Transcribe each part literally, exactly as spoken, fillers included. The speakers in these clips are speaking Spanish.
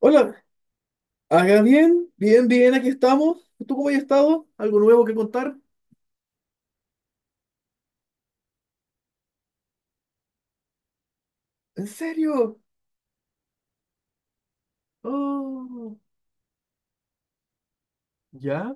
Hola, haga bien, bien, bien, aquí estamos. ¿Tú cómo has estado? ¿Algo nuevo que contar? ¿En serio? Oh, ¿ya?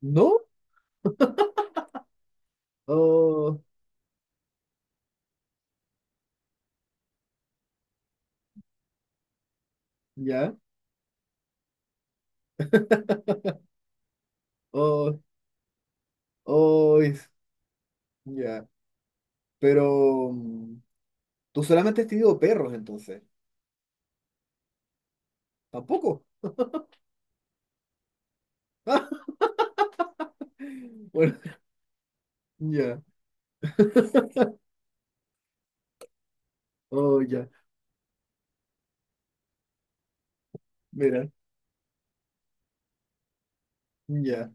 ¿No? Oh, ¿ya? Oh, oh, es- ya. Pero mm, tú solamente has tenido perros entonces. ¿Tampoco? Bueno, ya. Oh, ya. Mira, ya.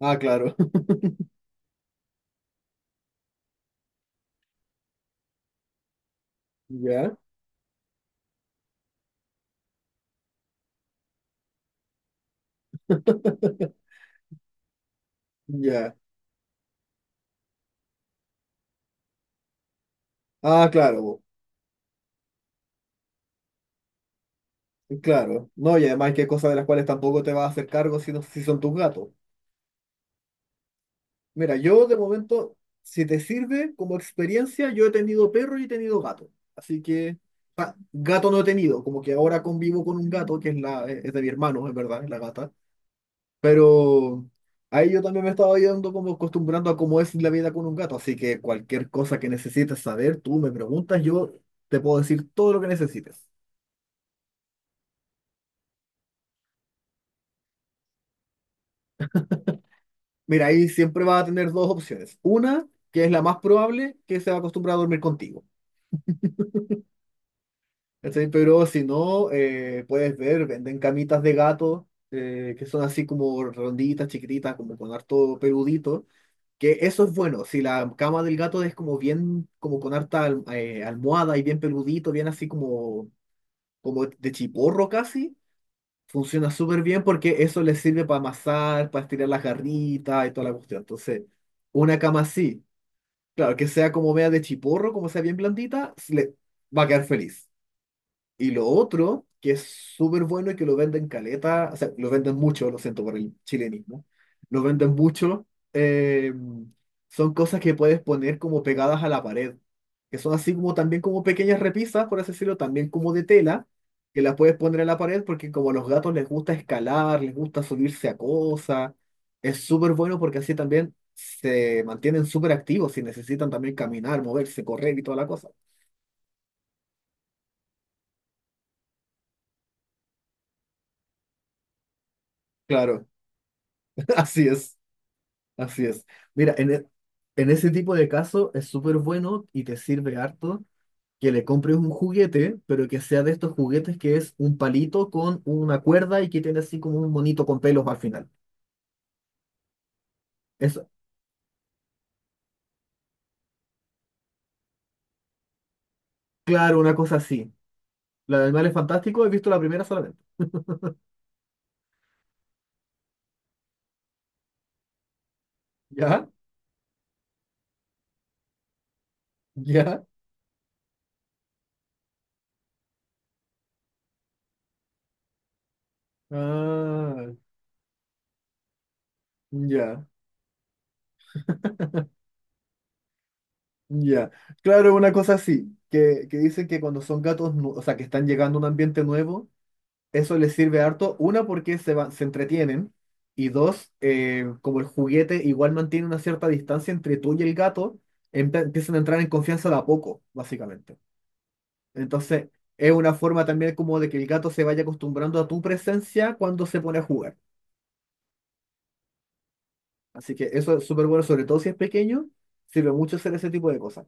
Ah, claro. Ya, ya. Ah, claro. Claro, no, y además que hay cosas de las cuales tampoco te vas a hacer cargo si, no, si son tus gatos. Mira, yo de momento, si te sirve como experiencia, yo he tenido perro y he tenido gato. Así que gato no he tenido, como que ahora convivo con un gato que es, la, es de mi hermano, es verdad, es la gata. Pero ahí yo también me estaba yendo como acostumbrando a cómo es la vida con un gato. Así que cualquier cosa que necesites saber, tú me preguntas, yo te puedo decir todo lo que necesites. Mira, ahí siempre va a tener dos opciones. Una, que es la más probable, que se va a acostumbrar a dormir contigo. ¿Cachai? Pero si no, eh, puedes ver, venden camitas de gato, eh, que son así como ronditas, chiquititas, como con harto peludito. Que eso es bueno, si la cama del gato es como bien, como con harta al- eh, almohada y bien peludito, bien así como, como de chiporro casi, funciona súper bien porque eso les sirve para amasar, para estirar las garritas y toda la cuestión. Entonces, una cama así. Claro, que sea como media de chiporro, como sea bien blandita, se le va a quedar feliz. Y lo otro, que es súper bueno y que lo venden caleta, o sea, lo venden mucho, lo siento por el chilenismo, lo venden mucho, eh, son cosas que puedes poner como pegadas a la pared, que son así como también como pequeñas repisas, por así decirlo, también como de tela, que las puedes poner a la pared porque como a los gatos les gusta escalar, les gusta subirse a cosas, es súper bueno porque así también se mantienen súper activos y necesitan también caminar, moverse, correr y toda la cosa. Claro, así es. Así es. Mira, en, e- en ese tipo de caso es súper bueno y te sirve harto que le compres un juguete, pero que sea de estos juguetes que es un palito con una cuerda y que tiene así como un monito con pelos al final. Es, claro, una cosa así. La de Animales Fantásticos he visto la primera solamente. ¿Ya? ¿Ya? Ah, ya, ya. Claro, una cosa así, que, que dicen que cuando son gatos, nu- o sea, que están llegando a un ambiente nuevo. Eso les sirve harto, una porque se, va- se entretienen y dos, eh, como el juguete igual mantiene una cierta distancia entre tú y el gato, empe- empiezan a entrar en confianza de a poco, básicamente. Entonces, es una forma también como de que el gato se vaya acostumbrando a tu presencia cuando se pone a jugar. Así que eso es súper bueno, sobre todo si es pequeño, sirve mucho hacer ese tipo de cosas.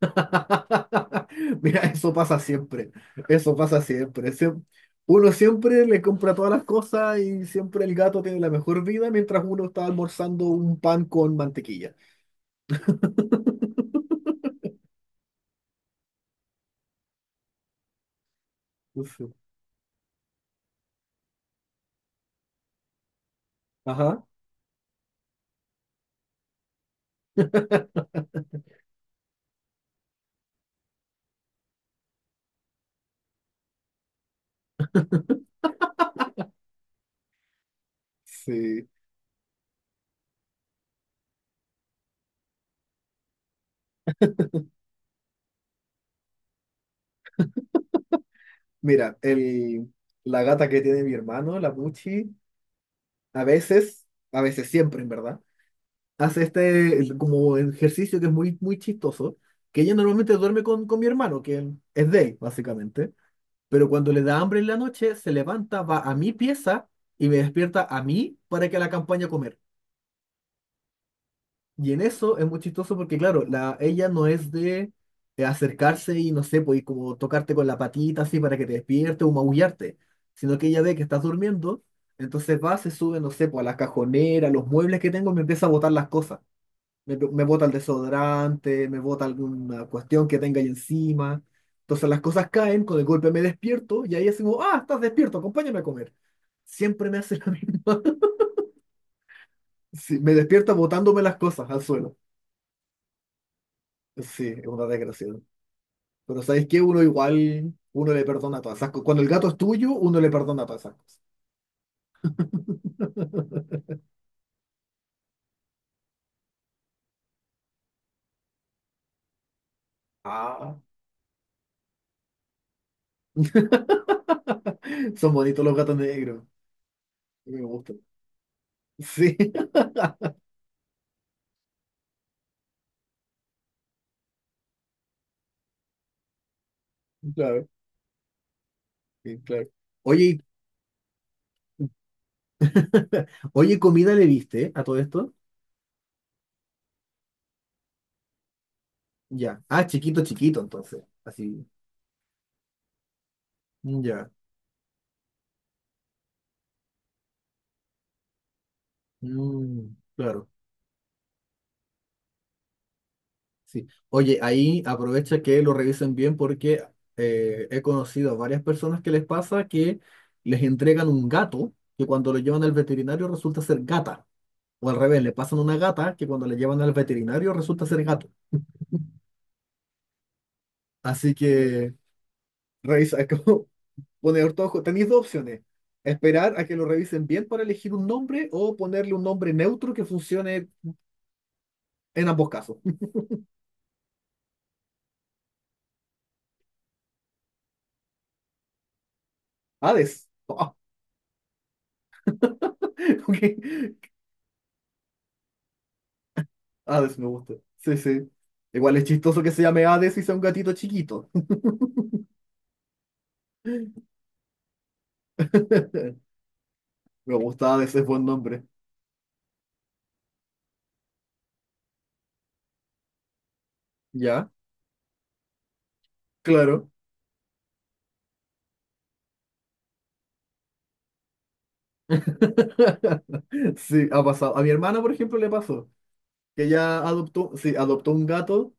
Mira, eso pasa siempre. Eso pasa siempre. Siem- uno siempre le compra todas las cosas y siempre el gato tiene la mejor vida mientras uno está almorzando un pan con mantequilla. Uf. Sí. Ajá. Sí. Mira, el, la gata que tiene mi hermano, la Puchi, a veces, a veces siempre, en verdad, hace este el- como ejercicio que es muy, muy chistoso, que ella normalmente duerme con, con mi hermano, que es de él, básicamente. Pero cuando le da hambre en la noche, se levanta, va a mi pieza y me despierta a mí para que la acompañe a comer. Y en eso es muy chistoso porque, claro, la, ella no es de eh, acercarse y no sé, pues y como tocarte con la patita así para que te despierte o maullarte, sino que ella ve que estás durmiendo, entonces va, se sube, no sé, pues a la cajonera, a los muebles que tengo, y me empieza a botar las cosas. Me, me bota el desodorante, me bota alguna cuestión que tenga ahí encima. Entonces las cosas caen, con el golpe me despierto y ahí es como, ah, estás despierto, acompáñame a comer. Siempre me hace la misma. Sí, me despierta botándome las cosas al suelo. Sí, es una desgracia. Pero ¿sabes qué? Uno igual, uno le perdona todas esas cosas. Cuando el gato es tuyo, uno le perdona todas esas cosas. Ah, son bonitos los gatos negros. Me gustan. Sí, claro, sí, claro. Oye, Oye, comida le diste a todo esto. Ya. Ah, chiquito, chiquito, entonces. Así. Ya. Mm, claro. Sí. Oye, ahí aprovecha que lo revisen bien porque eh, he conocido a varias personas que les pasa que les entregan un gato que cuando lo llevan al veterinario resulta ser gata. O al revés, le pasan una gata que cuando la llevan al veterinario resulta ser gato. Así que revisa, como poner todo, tenéis dos opciones. Esperar a que lo revisen bien para elegir un nombre o ponerle un nombre neutro que funcione en ambos casos. Hades. Ah, ok. Hades me gusta. Sí, sí. Igual es chistoso que se llame Hades y sea un gatito chiquito. Me gusta Hades, es buen nombre. Ya, claro. Sí, ha pasado. A mi hermana, por ejemplo, le pasó que ella adoptó, sí, adoptó un gato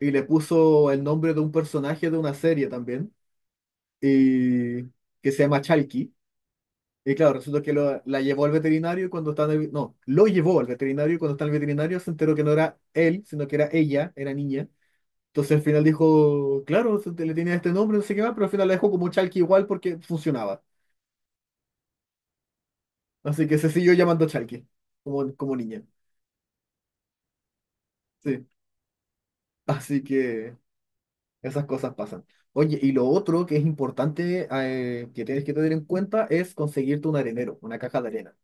y le puso el nombre de un personaje de una serie también, y que se llama Chalky. Y claro, resulta que lo- la llevó al veterinario y cuando estaba en el, no, lo llevó al veterinario y cuando está en el veterinario se enteró que no era él, sino que era ella, era niña. Entonces al final dijo, claro, se- le tenía este nombre, no sé qué más, pero al final la dejó como Chalky igual porque funcionaba. Así que se siguió llamando Chalky, como, como niña. Sí, así que esas cosas pasan. Oye, y lo otro que es importante eh, que tienes que tener en cuenta es conseguirte un arenero, una caja de arena.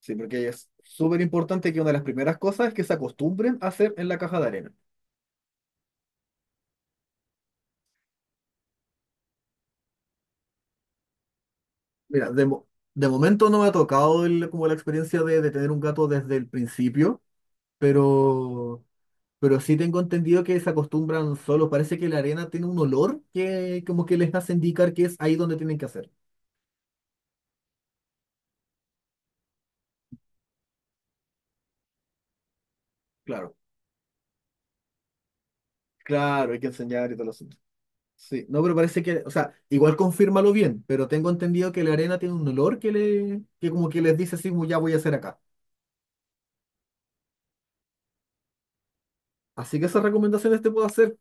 Sí, porque es súper importante que una de las primeras cosas es que se acostumbren a hacer en la caja de arena. Mira, de, mo- de momento no me ha tocado el- como la experiencia de, de tener un gato desde el principio, pero, pero sí tengo entendido que se acostumbran solos. Parece que la arena tiene un olor que como que les hace indicar que es ahí donde tienen que hacer. Claro, claro, hay que enseñar y todo el asunto. Sí, no, pero parece que, o sea, igual confírmalo bien, pero tengo entendido que la arena tiene un olor que le, que como que les dice así, "Mu- ya voy a hacer acá. Así que esas recomendaciones te puedo hacer.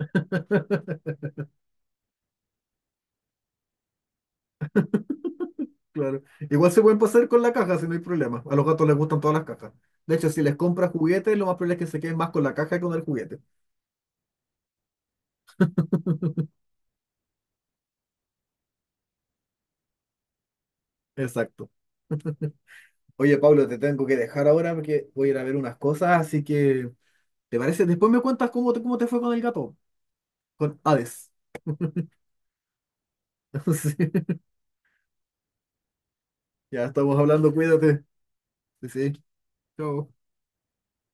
Claro. Igual se pueden pasar con la caja si no hay problema. A los gatos les gustan todas las cajas. De hecho, si les compras juguetes, lo más probable es que se queden más con la caja que con el juguete. Exacto. Oye, Pablo, te tengo que dejar ahora porque voy a ir a ver unas cosas, así que, ¿te parece? Después me cuentas cómo te, cómo te fue con el gato, con Hades. Sí. Ya estamos hablando, cuídate. Sí, sí. Chao.